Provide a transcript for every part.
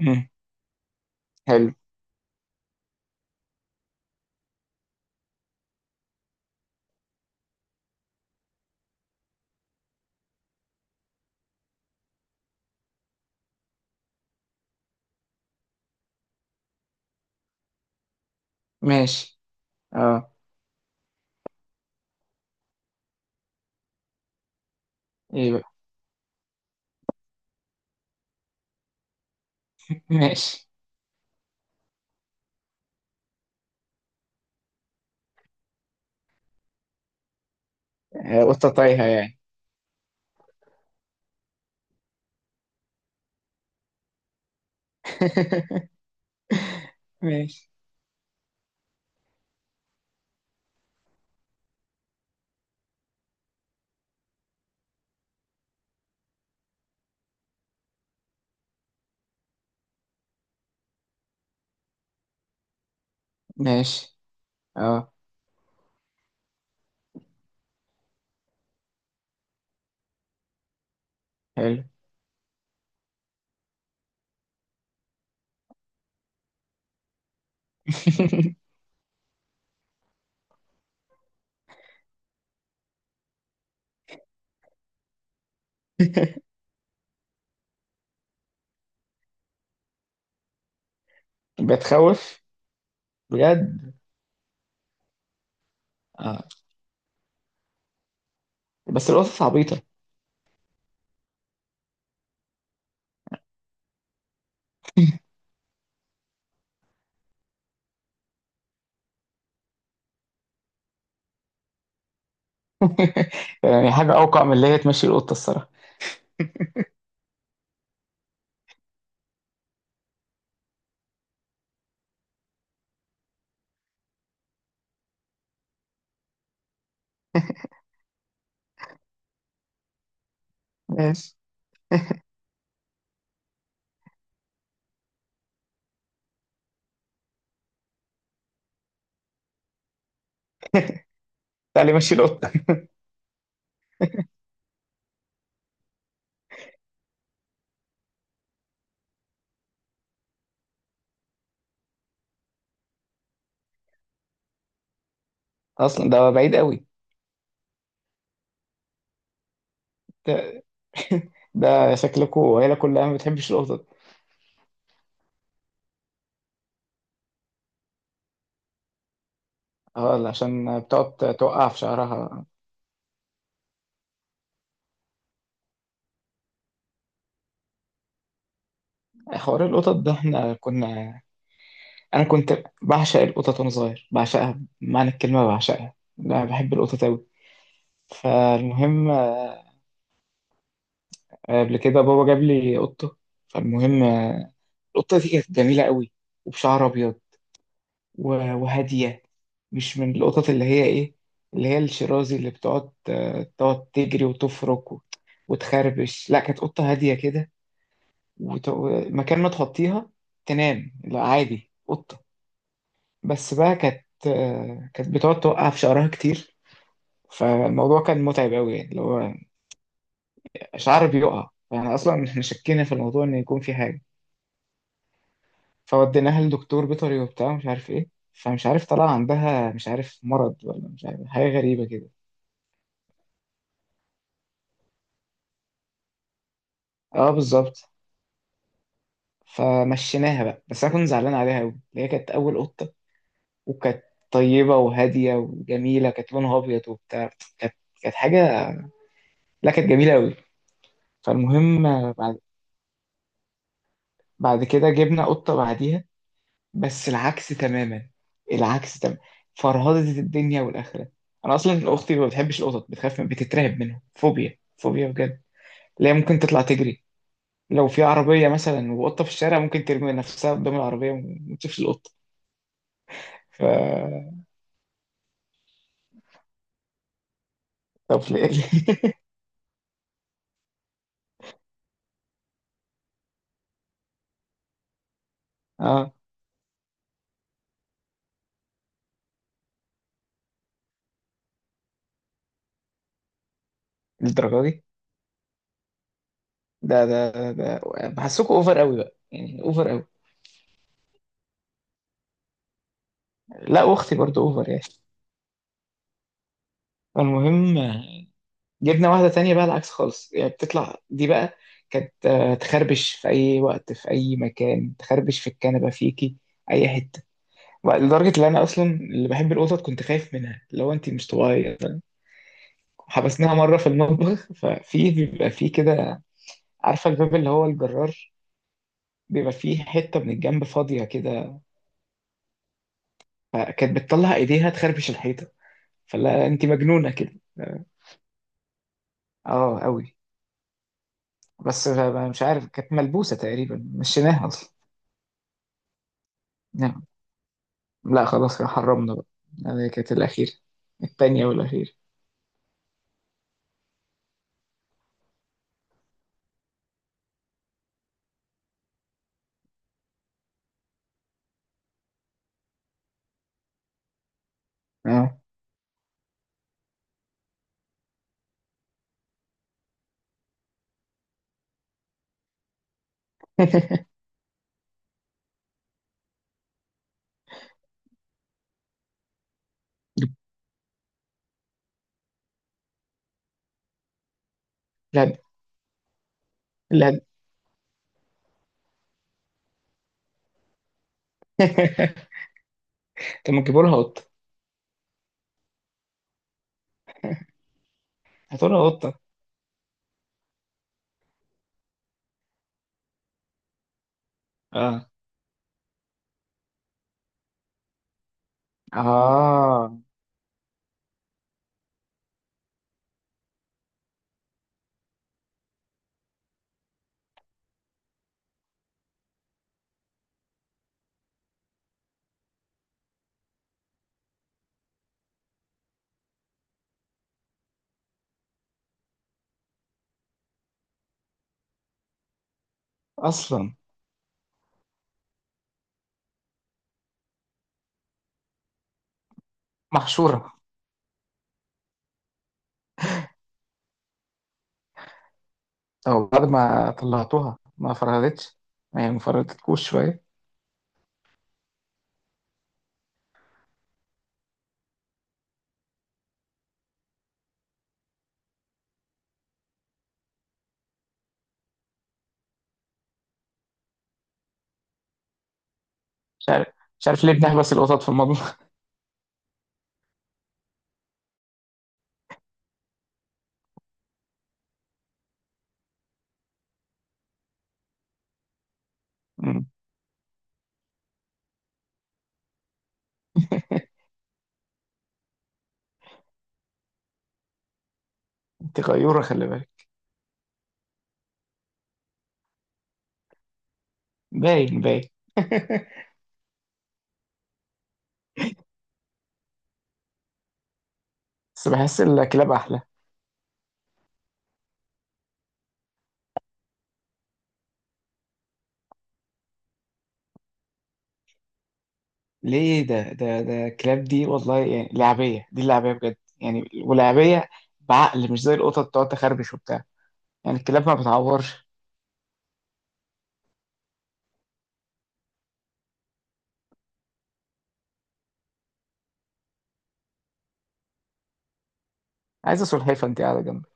مم. حلو. ماشي. اه. ايه بقى؟ ماشي. قطة طايحة يعني. ماشي ماشي. اه. حلو. بتخوف بجد. اه، بس القطط عبيطة. يعني حاجة أوقع من اللي هي تمشي القطة الصراحة. ماشي. تعالي مشي القطة. أصلا ده بعيد قوي. ده, ده، شكلكوا عيلة كلها ما بتحبش القطط. اه، عشان بتقعد توقع في شعرها. حوار القطط ده احنا كنا، انا كنت بعشق القطط وانا صغير، بعشقها بمعنى الكلمه، بعشقها، لا بحب القطط قوي. فالمهم قبل كده بابا جاب لي قطه. فالمهم القطه دي كانت جميله قوي وبشعر ابيض وهاديه، مش من القطط اللي هي ايه، اللي هي الشرازي اللي بتقعد تقعد تجري وتفرك وتخربش. لا كانت قطه هاديه كده. ومكان ما تحطيها تنام. لا عادي قطه. بس بقى كانت بتقعد توقع في شعرها كتير. فالموضوع كان متعب قوي، اللي هو شعر بيقع. فاحنا اصلا احنا شكينا في الموضوع ان يكون في حاجه. فوديناها لدكتور بيطري وبتاع، مش عارف ايه. فمش عارف، طلع عندها مش عارف مرض، ولا مش عارف حاجه غريبه كده. اه بالظبط. فمشيناها بقى. بس انا كنت زعلان عليها قوي، اللي هي كانت اول قطه وكانت طيبه وهاديه وجميله، كانت لونها ابيض وبتاع. كانت كانت حاجه، لا كانت جميله قوي. فالمهم بعد كده جبنا قطه بعديها. بس العكس تماما. العكس تماما. فرهدة الدنيا والآخرة. أنا أصلا أختي ما بتحبش القطط، بتخاف، بتترعب منهم، فوبيا فوبيا بجد. لا هي ممكن تطلع تجري، لو في عربية مثلا وقطة في الشارع ممكن ترمي نفسها قدام العربية وما تشوفش القطة. ف طب ليه؟ اه، للدرجة دي؟ ده. بحسكوا اوفر قوي بقى، يعني اوفر قوي. لا واختي برضو اوفر يعني. فالمهم جبنا واحدة تانية بقى، العكس خالص. يعني بتطلع دي بقى، كانت تخربش في أي وقت، في أي مكان، تخربش في الكنبة، فيكي، أي حتة. بقى لدرجة إن أنا أصلا اللي بحب القطط كنت خايف منها. لو أنت مش طبيعية، فاهم؟ حبسناها مرة في المطبخ. ففي بيبقى فيه كده، عارفة الباب اللي هو الجرار، بيبقى فيه حتة من الجنب فاضية كده. فكانت بتطلع إيديها تخربش الحيطة. فلا أنت مجنونة كده. اه. أوي. بس. مش عارف، كانت ملبوسة تقريبا، مشيناها أصلا. نعم. لا خلاص، يا حرمنا بقى. هذه كانت الأخيرة. التانية والأخيرة. اه، لا لا. طب ما تجيبوا لها قطة؟ هاتوا لها قطة. اه اه، أصلا محشورة. أو بعد ما طلعتوها ما فرهدتش؟ ما هي ما فرهدتكوش شوية. مش عارف مش عارف ليه بنحبس القطط في المطبخ. أمم، أنت غيورة، خلي بالك. باين باين. بس بحس الكلاب أحلى. ليه؟ ده الكلاب دي والله، يعني لعبية، دي اللعبية بجد يعني، ولعبية بعقل، مش زي القطط بتقعد تخربش وبتاع. يعني الكلاب ما بتعورش. عايزة سلحفاة انت قاعدة جنبك.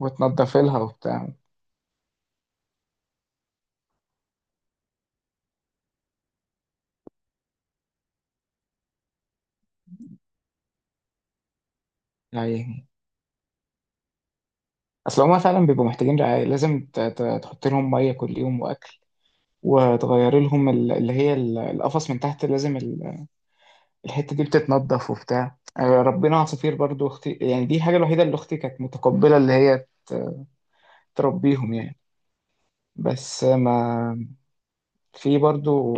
وتنضف لها وبتاع يعني. اصل هما فعلا بيبقوا محتاجين رعاية. لازم تحط لهم مية كل يوم واكل، وتغير لهم اللي هي القفص من تحت، لازم الحتة دي بتتنضف وبتاع. ربنا عصافير برضو اختي، يعني دي حاجة الوحيدة اللي اختي كانت متقبلة اللي هي تربيهم يعني. بس ما في برضو.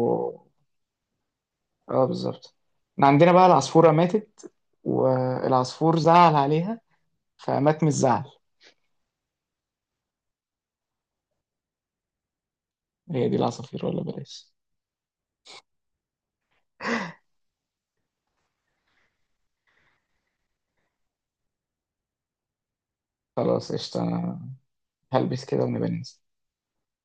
اه بالظبط. احنا عندنا بقى العصفورة ماتت، والعصفور زعل عليها فمات من الزعل. هي دي العصافير ولا بلاش. خلاص قشطة، أنا هلبس كده ونبقى ننزل.